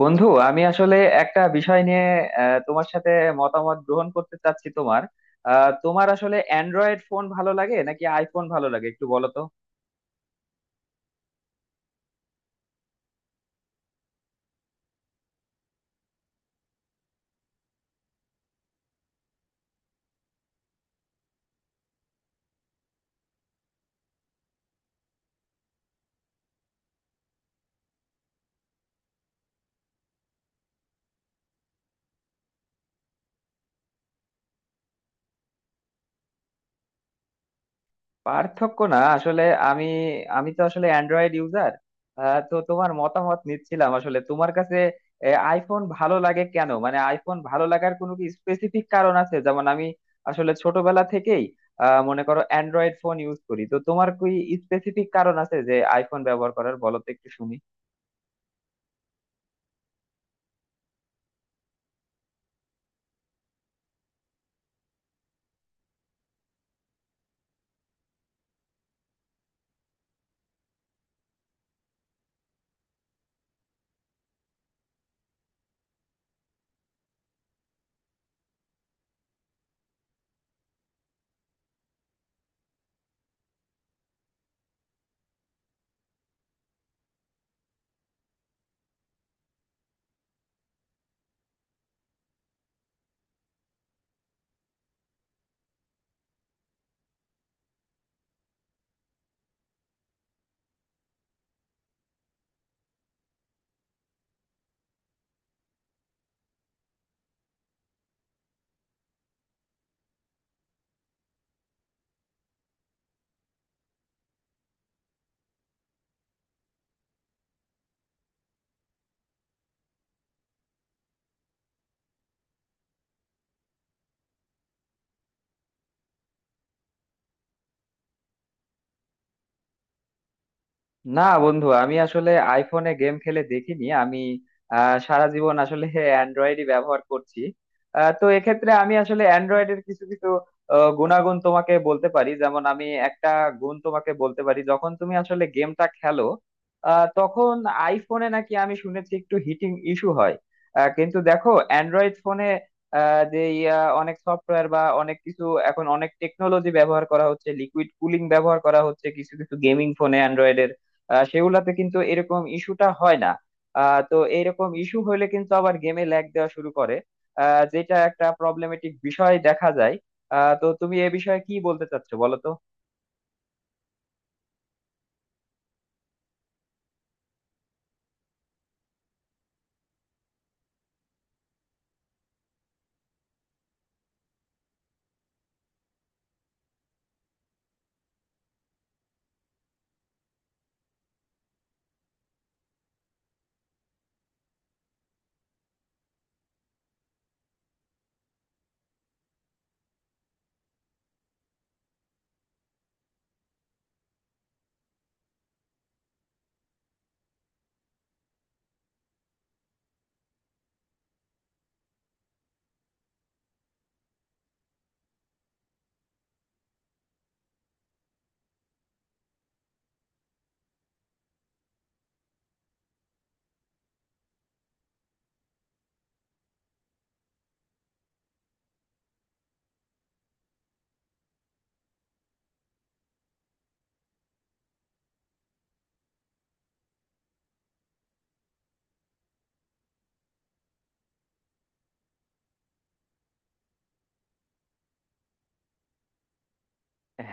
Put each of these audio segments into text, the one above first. বন্ধু আমি আসলে একটা বিষয় নিয়ে তোমার সাথে মতামত গ্রহণ করতে চাচ্ছি। তোমার তোমার আসলে অ্যান্ড্রয়েড ফোন ভালো লাগে নাকি আইফোন ভালো লাগে একটু বলো তো। পার্থক্য না আসলে, আমি আমি তো আসলে অ্যান্ড্রয়েড ইউজার। তো তোমার মতামত নিচ্ছিলাম আসলে। তোমার কাছে আইফোন ভালো লাগে কেন, মানে আইফোন ভালো লাগার কোনো কি স্পেসিফিক কারণ আছে? যেমন আমি আসলে ছোটবেলা থেকেই মনে করো অ্যান্ড্রয়েড ফোন ইউজ করি। তো তোমার কি স্পেসিফিক কারণ আছে যে আইফোন ব্যবহার করার, বলো তো একটু শুনি। না বন্ধু, আমি আসলে আইফোনে গেম খেলে দেখিনি। আমি সারা জীবন আসলে অ্যান্ড্রয়েডই ব্যবহার করছি। তো এক্ষেত্রে আমি আসলে অ্যান্ড্রয়েডের কিছু কিছু গুণাগুণ তোমাকে বলতে পারি। যেমন আমি একটা গুণ তোমাকে বলতে পারি, যখন তুমি আসলে গেমটা খেলো তখন আইফোনে নাকি আমি শুনেছি একটু হিটিং ইস্যু হয়। কিন্তু দেখো অ্যান্ড্রয়েড ফোনে যে অনেক সফটওয়্যার বা অনেক কিছু এখন অনেক টেকনোলজি ব্যবহার করা হচ্ছে, লিকুইড কুলিং ব্যবহার করা হচ্ছে কিছু কিছু গেমিং ফোনে অ্যান্ড্রয়েডের। সেগুলাতে কিন্তু এরকম ইস্যুটা হয় না। তো এরকম ইস্যু হলে কিন্তু আবার গেমে ল্যাগ দেওয়া শুরু করে, যেটা একটা প্রবলেমেটিক বিষয় দেখা যায়। তো তুমি এ বিষয়ে কি বলতে চাচ্ছো বলো তো।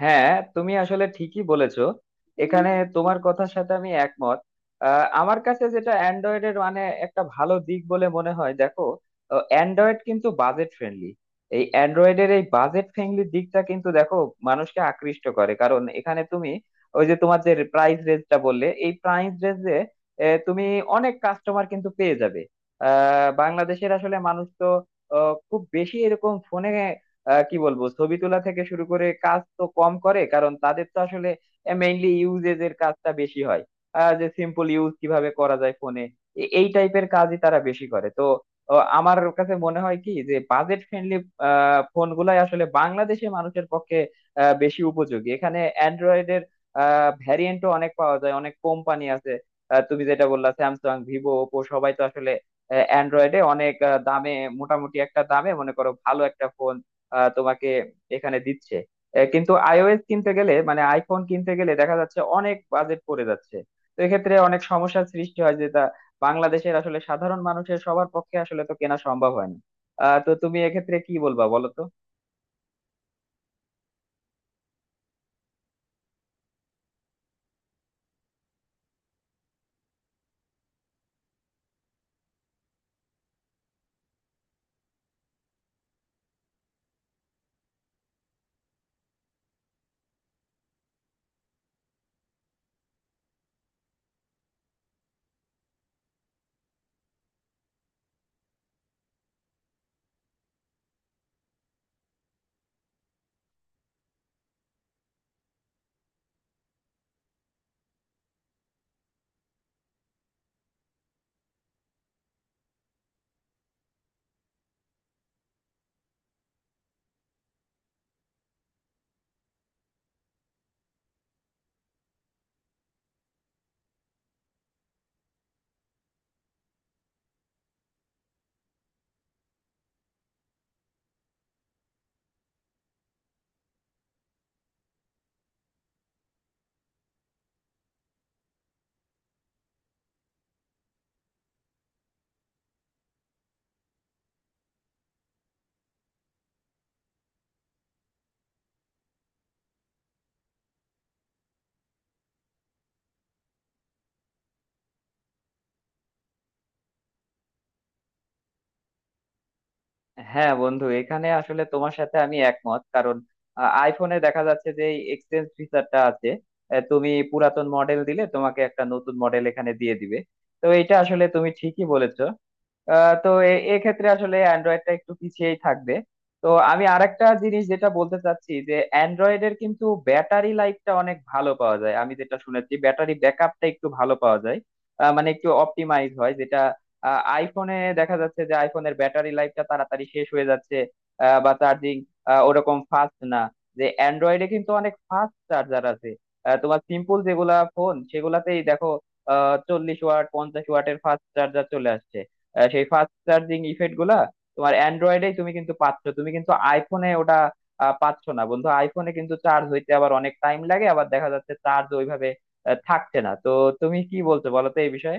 হ্যাঁ, তুমি আসলে ঠিকই বলেছো। এখানে তোমার কথার সাথে আমি একমত। আমার কাছে যেটা অ্যান্ড্রয়েডের মানে একটা ভালো দিক বলে মনে হয়, দেখো অ্যান্ড্রয়েড কিন্তু বাজেট ফ্রেন্ডলি। এই অ্যান্ড্রয়েডের এই বাজেট ফ্রেন্ডলি দিকটা কিন্তু দেখো মানুষকে আকৃষ্ট করে, কারণ এখানে তুমি ওই যে তোমার যে প্রাইস রেঞ্জটা বললে, এই প্রাইস রেঞ্জে তুমি অনেক কাস্টমার কিন্তু পেয়ে যাবে। বাংলাদেশের আসলে মানুষ তো খুব বেশি এরকম ফোনে কি বলবো, ছবি তোলা থেকে শুরু করে কাজ তো কম করে, কারণ তাদের তো আসলে মেইনলি ইউজেজ এর কাজটা বেশি হয়। যে সিম্পল ইউজ কিভাবে করা যায় ফোনে, এই টাইপের কাজই তারা বেশি করে। তো আমার কাছে মনে হয় কি যে বাজেট ফ্রেন্ডলি ফোন গুলাই আসলে বাংলাদেশে মানুষের পক্ষে বেশি উপযোগী। এখানে অ্যান্ড্রয়েডের ভ্যারিয়েন্টও অনেক পাওয়া যায়, অনেক কোম্পানি আছে। তুমি যেটা বললা, স্যামসাং, ভিভো, ওপো, সবাই তো আসলে অ্যান্ড্রয়েডে অনেক দামে, মোটামুটি একটা দামে মনে করো ভালো একটা ফোন তোমাকে এখানে দিচ্ছে। কিন্তু আইওএস কিনতে গেলে, মানে আইফোন কিনতে গেলে দেখা যাচ্ছে অনেক বাজেট পড়ে যাচ্ছে। তো এক্ষেত্রে অনেক সমস্যার সৃষ্টি হয়, যেটা বাংলাদেশের আসলে সাধারণ মানুষের, সবার পক্ষে আসলে তো কেনা সম্ভব হয় না। তো তুমি এক্ষেত্রে কি বলবা বলো তো। হ্যাঁ বন্ধু, এখানে আসলে তোমার সাথে আমি একমত। কারণ আইফোনে দেখা যাচ্ছে যে এই এক্সচেঞ্জ ফিচারটা আছে, এ, তুমি পুরাতন মডেল দিলে তোমাকে একটা নতুন মডেল এখানে দিয়ে দিবে। তো এটা আসলে তুমি ঠিকই বলেছো। তো এক্ষেত্রে আসলে অ্যান্ড্রয়েডটা একটু পিছিয়েই থাকবে। তো আমি আরেকটা জিনিস যেটা বলতে চাচ্ছি, যে অ্যান্ড্রয়েডের কিন্তু ব্যাটারি লাইফটা অনেক ভালো পাওয়া যায়, আমি যেটা শুনেছি, ব্যাটারি ব্যাকআপটা একটু ভালো পাওয়া যায়। মানে একটু অপটিমাইজ হয় যেটা। আইফোনে দেখা যাচ্ছে যে আইফোনের ব্যাটারি লাইফটা তাড়াতাড়ি শেষ হয়ে যাচ্ছে। বা চার্জিং ওরকম ফাস্ট না, যে অ্যান্ড্রয়েডে কিন্তু অনেক ফাস্ট চার্জার আছে। তোমার সিম্পল যেগুলা ফোন সেগুলাতেই দেখো 40 ওয়াট 50 ওয়াটের ফাস্ট চার্জার চলে আসছে। সেই ফাস্ট চার্জিং ইফেক্ট গুলা তোমার অ্যান্ড্রয়েডেই তুমি কিন্তু পাচ্ছ, তুমি কিন্তু আইফোনে ওটা পাচ্ছ না বন্ধু। আইফোনে কিন্তু চার্জ হইতে আবার অনেক টাইম লাগে, আবার দেখা যাচ্ছে চার্জ ওইভাবে থাকছে না। তো তুমি কি বলছো বলো তো এই বিষয়ে।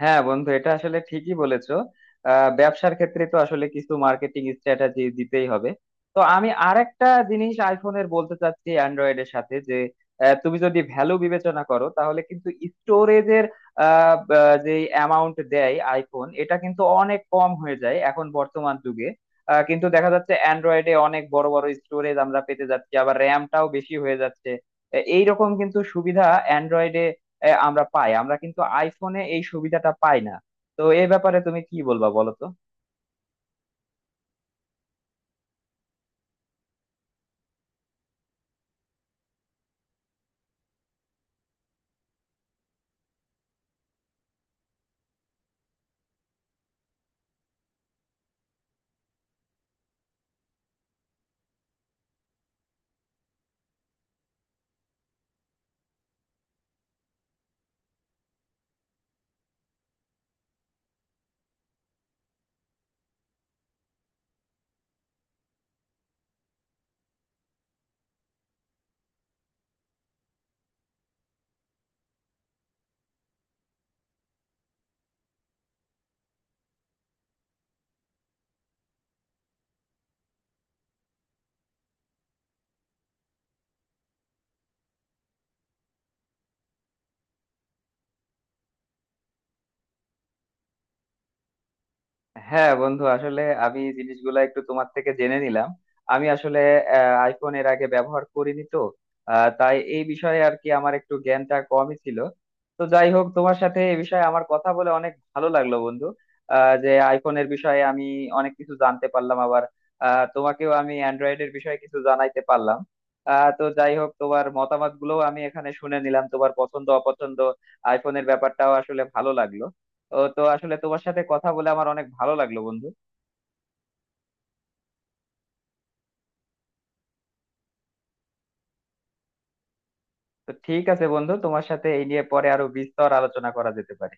হ্যাঁ বন্ধু, এটা আসলে ঠিকই বলেছো। ব্যবসার ক্ষেত্রে তো আসলে কিছু মার্কেটিং স্ট্র্যাটেজি দিতেই হবে। তো আমি আরেকটা জিনিস আইফোনের বলতে চাচ্ছি অ্যান্ড্রয়েড এর সাথে, যে তুমি যদি ভ্যালু বিবেচনা করো, তাহলে কিন্তু স্টোরেজের যে অ্যামাউন্ট দেয় আইফোন, এটা কিন্তু অনেক কম হয়ে যায় এখন বর্তমান যুগে। কিন্তু দেখা যাচ্ছে অ্যান্ড্রয়েডে অনেক বড় বড় স্টোরেজ আমরা পেতে যাচ্ছি, আবার র্যামটাও বেশি হয়ে যাচ্ছে। এইরকম কিন্তু সুবিধা অ্যান্ড্রয়েডে এ, আমরা পাই, আমরা কিন্তু আইফোনে এই সুবিধাটা পাই না। তো এই ব্যাপারে তুমি কি বলবা বলো তো। হ্যাঁ বন্ধু, আসলে আমি এই জিনিসগুলা একটু তোমার থেকে জেনে নিলাম। আমি আসলে আইফোন এর আগে ব্যবহার করিনি। তো তাই এই বিষয়ে আর কি আমার একটু জ্ঞানটা কমই ছিল। তো যাই হোক, তোমার সাথে এই বিষয়ে আমার কথা বলে অনেক ভালো লাগলো বন্ধু। যে আইফোনের বিষয়ে আমি অনেক কিছু জানতে পারলাম, আবার তোমাকেও আমি অ্যান্ড্রয়েডের বিষয়ে কিছু জানাইতে পারলাম। তো যাই হোক, তোমার মতামত গুলোও আমি এখানে শুনে নিলাম, তোমার পছন্দ অপছন্দ, আইফোনের ব্যাপারটাও আসলে ভালো লাগলো। ও তো আসলে তোমার সাথে কথা বলে আমার অনেক ভালো লাগলো বন্ধু। তো ঠিক আছে বন্ধু, তোমার সাথে এই নিয়ে পরে আরো বিস্তর আলোচনা করা যেতে পারে।